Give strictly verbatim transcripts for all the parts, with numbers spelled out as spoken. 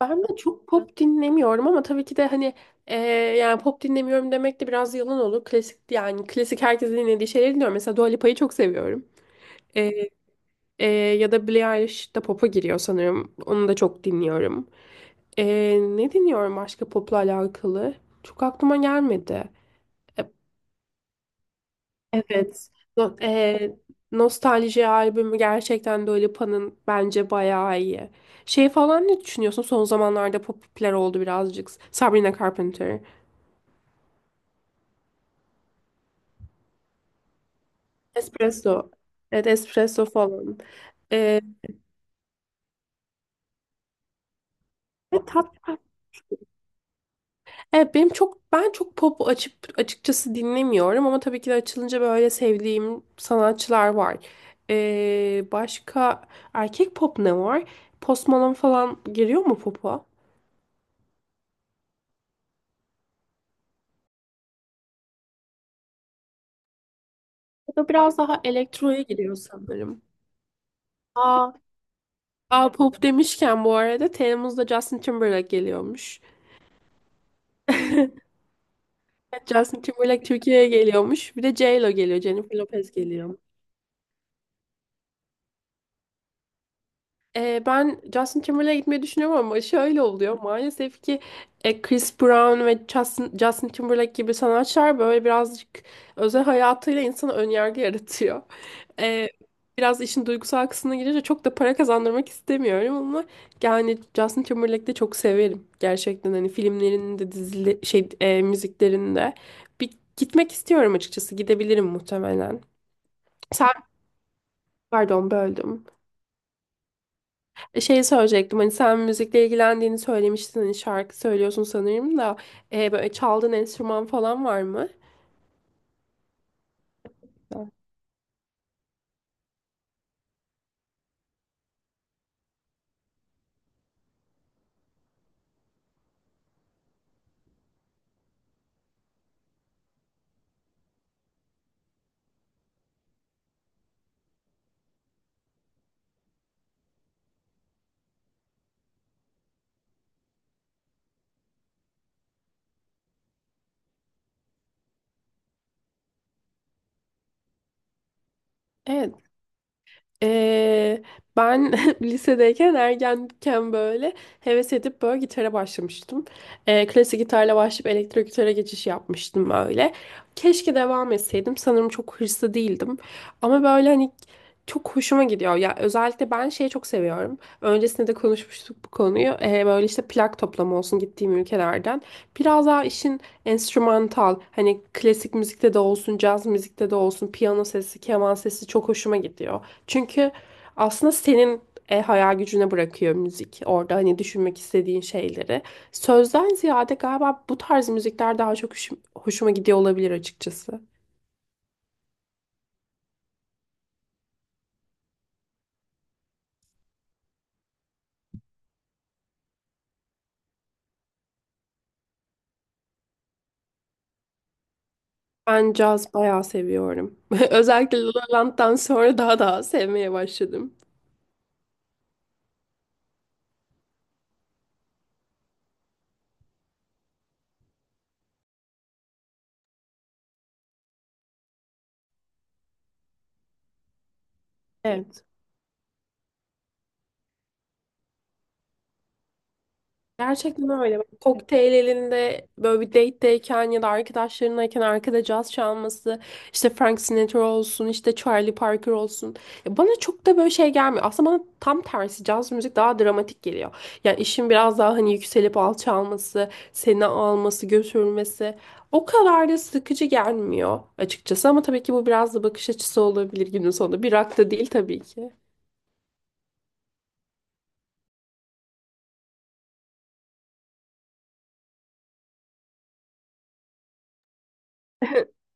Ben de çok pop dinlemiyorum ama tabii ki de hani e, yani pop dinlemiyorum demek de biraz yalan olur. Klasik yani klasik herkesin dinlediği şeyleri dinliyorum. Mesela Dua Lipa'yı çok seviyorum. E, e, Ya da Billie Eilish de pop'a giriyor sanırım. Onu da çok dinliyorum. E, Ne dinliyorum başka pop'la alakalı? Çok aklıma gelmedi. E, evet. No- e, Nostalji albümü gerçekten Dua Lipa'nın bence bayağı iyi. Şey falan ne düşünüyorsun? Son zamanlarda popüler oldu birazcık. Sabrina Carpenter. Espresso. Evet espresso falan. Ee, ve tat, evet benim çok ben çok pop açıp açıkçası dinlemiyorum ama tabii ki de açılınca böyle sevdiğim sanatçılar var. Ee, başka erkek pop ne var? Post Malone falan giriyor mu pop'a? O da biraz daha elektroya giriyor sanırım. Aa, Aa, pop demişken bu arada Temmuz'da Justin Timberlake geliyormuş. Evet, Justin Timberlake Türkiye'ye geliyormuş. Bir de J.Lo geliyor. Jennifer Lopez geliyor. Ee, ben Justin Timberlake'e gitmeyi düşünüyorum ama şöyle oluyor. Maalesef ki e, Chris Brown ve Justin, Justin Timberlake gibi sanatçılar böyle birazcık özel hayatıyla insana önyargı yaratıyor. Ee, Biraz işin duygusal kısmına girince çok da para kazandırmak istemiyorum ama yani Justin Timberlake'i de çok severim. Gerçekten hani filmlerinin de dizili, şey e, müziklerinde. Bir gitmek istiyorum açıkçası. Gidebilirim muhtemelen. Sen Pardon böldüm. Şey söyleyecektim hani sen müzikle ilgilendiğini söylemiştin hani şarkı söylüyorsun sanırım da e, böyle çaldığın enstrüman falan var mı? Evet. Ee, Ben lisedeyken ergenken böyle heves edip böyle gitara başlamıştım. Ee, klasik gitarla başlayıp elektro gitara geçiş yapmıştım böyle. Keşke devam etseydim. Sanırım çok hırslı değildim. Ama böyle hani çok hoşuma gidiyor. Ya özellikle ben şeyi çok seviyorum. Öncesinde de konuşmuştuk bu konuyu. Ee, böyle işte plak toplama olsun gittiğim ülkelerden. Biraz daha işin enstrümantal hani klasik müzikte de olsun, caz müzikte de olsun, piyano sesi, keman sesi çok hoşuma gidiyor. Çünkü aslında senin e, hayal gücüne bırakıyor müzik. Orada hani düşünmek istediğin şeyleri. Sözden ziyade galiba bu tarz müzikler daha çok hoşum- hoşuma gidiyor olabilir açıkçası. Ben caz bayağı seviyorum. Özellikle La La Land'dan sonra daha daha sevmeye başladım. Evet. Gerçekten öyle. Bak, kokteyl elinde böyle bir date'deyken ya da arkadaşlarınlayken arkada caz çalması, işte Frank Sinatra olsun, işte Charlie Parker olsun. Ya bana çok da böyle şey gelmiyor. Aslında bana tam tersi caz müzik daha dramatik geliyor. Yani işin biraz daha hani yükselip alçalması, seni alması, götürmesi o kadar da sıkıcı gelmiyor açıkçası. Ama tabii ki bu biraz da bakış açısı olabilir günün sonunda. Bir rock da değil tabii ki.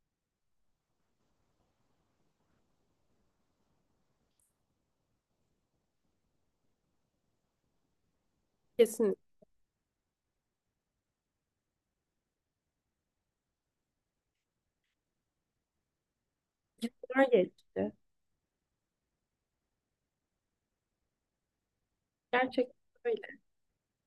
Kesinlikle geçti. Gerçekten öyle.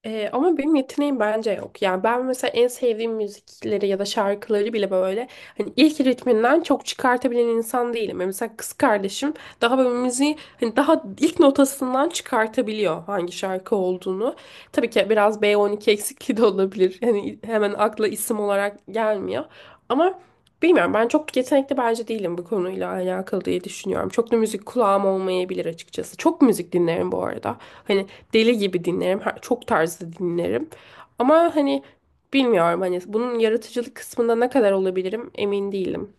Ee, ama benim yeteneğim bence yok. Yani ben mesela en sevdiğim müzikleri ya da şarkıları bile böyle hani ilk ritminden çok çıkartabilen insan değilim. Yani mesela kız kardeşim daha böyle müziği hani daha ilk notasından çıkartabiliyor hangi şarkı olduğunu. Tabii ki biraz B on iki eksikliği de olabilir. Yani hemen akla isim olarak gelmiyor. Ama bilmiyorum, ben çok yetenekli bence değilim bu konuyla alakalı diye düşünüyorum. Çok da müzik kulağım olmayabilir açıkçası. Çok müzik dinlerim bu arada. Hani deli gibi dinlerim. her- Çok tarzda dinlerim. Ama hani bilmiyorum hani bunun yaratıcılık kısmında ne kadar olabilirim emin değilim.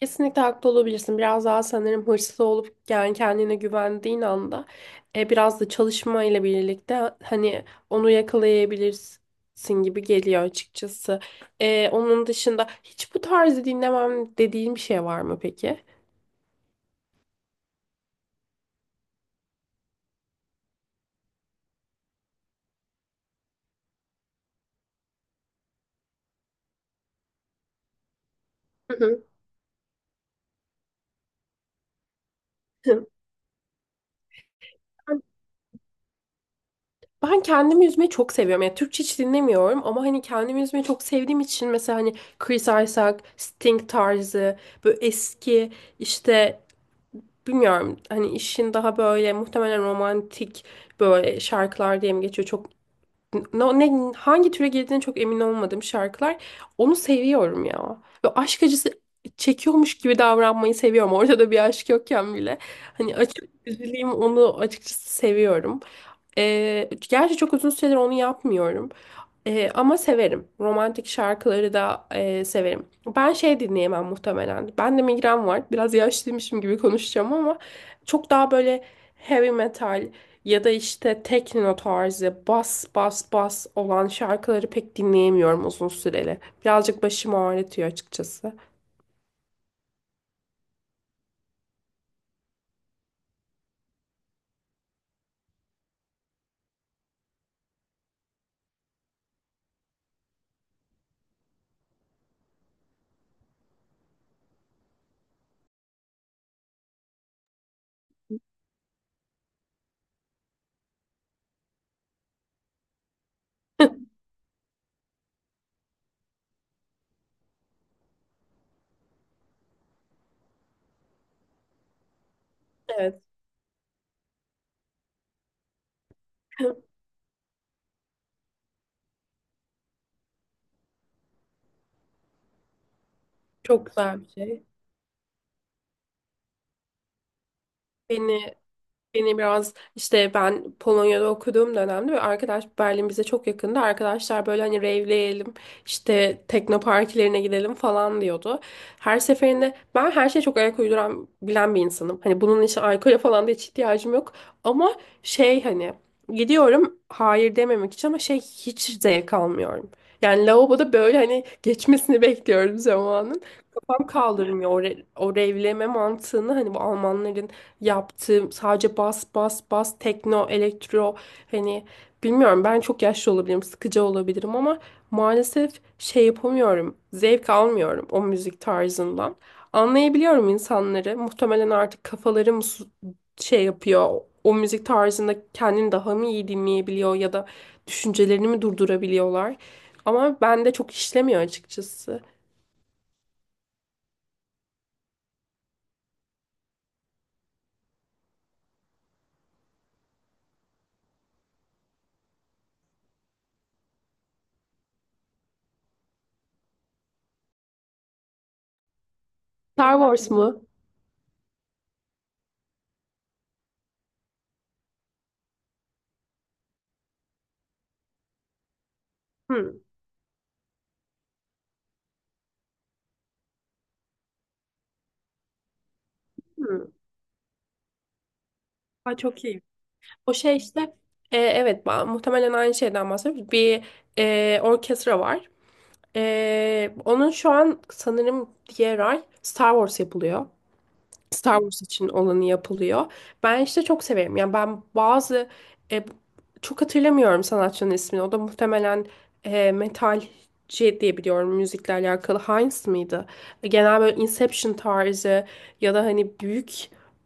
Kesinlikle haklı olabilirsin. Biraz daha sanırım hırslı olup yani kendine güvendiğin anda e, biraz da çalışma ile birlikte hani onu yakalayabilirsin gibi geliyor açıkçası. E, onun dışında hiç bu tarzı dinlemem dediğin bir şey var mı peki? Hı hı. Ben kendimi üzmeyi çok seviyorum. Yani Türkçe hiç dinlemiyorum ama hani kendimi üzmeyi çok sevdiğim için mesela hani Chris Isaak, Sting tarzı böyle eski işte bilmiyorum hani işin daha böyle muhtemelen romantik böyle şarkılar diye mi geçiyor çok No- ne, hangi türe girdiğine çok emin olmadığım şarkılar. Onu seviyorum ya. Ve aşk acısı çekiyormuş gibi davranmayı seviyorum. Ortada bir aşk yokken bile. Hani açık üzüleyim onu açıkçası seviyorum. Ee, gerçi çok uzun süredir onu yapmıyorum. Ee, ama severim. Romantik şarkıları da e, severim. Ben şey dinleyemem muhtemelen. Ben de migren var. Biraz yaşlıymışım gibi konuşacağım ama çok daha böyle heavy metal, ya da işte tekno tarzı bas bas bas olan şarkıları pek dinleyemiyorum uzun süreli. Birazcık başımı ağrıtıyor açıkçası. Evet. Çok güzel bir şey. Beni Beni biraz işte ben Polonya'da okuduğum dönemde ve arkadaş Berlin bize çok yakındı. Arkadaşlar böyle hani rave'leyelim işte tekno partilerine gidelim falan diyordu. Her seferinde ben her şeye çok ayak uyduran bilen bir insanım. Hani bunun için alkole falan da hiç ihtiyacım yok. Ama şey hani gidiyorum hayır dememek için ama şey hiç zevk almıyorum. Yani lavaboda böyle hani geçmesini bekliyorum zamanın. Kafam kaldırmıyor o, re- o rave'leme mantığını hani bu Almanların yaptığım sadece bas bas bas tekno, elektro hani bilmiyorum ben çok yaşlı olabilirim, sıkıcı olabilirim ama maalesef şey yapamıyorum. Zevk almıyorum o müzik tarzından. Anlayabiliyorum insanları. Muhtemelen artık kafaları mı su- şey yapıyor. O müzik tarzında kendini daha mı iyi dinleyebiliyor ya da düşüncelerini mi durdurabiliyorlar? Ama bende çok işlemiyor açıkçası. Star Wars mu? Hı, hı. Aa, çok iyi. O şey işte e, evet ba- muhtemelen aynı şeyden bahsediyoruz. Bir e, orkestra var. E, onun şu an sanırım diğer ay Star Wars yapılıyor. Star Wars için olanı yapılıyor. Ben işte çok severim. Yani ben bazı e, çok hatırlamıyorum sanatçının ismini. O da muhtemelen e, metalci diye biliyorum müzikle alakalı. Heinz mıydı? Genel böyle Inception tarzı ya da hani büyük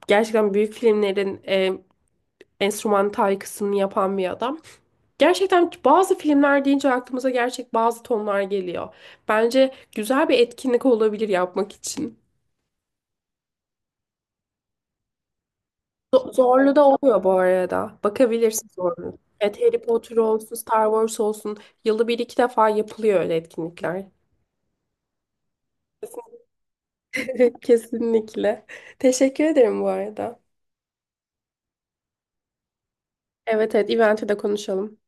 gerçekten büyük filmlerin e, enstrümantal kısmını yapan bir adam. Gerçekten bazı filmler deyince aklımıza gerçek bazı tonlar geliyor. Bence güzel bir etkinlik olabilir yapmak için. Z- Zorlu da oluyor bu arada. Bakabilirsin Zorlu. Evet Harry Potter olsun, Star Wars olsun. Yılda bir iki defa yapılıyor öyle etkinlikler. Kesinlikle. Kesinlikle. Teşekkür ederim bu arada. Evet evet eventi de konuşalım.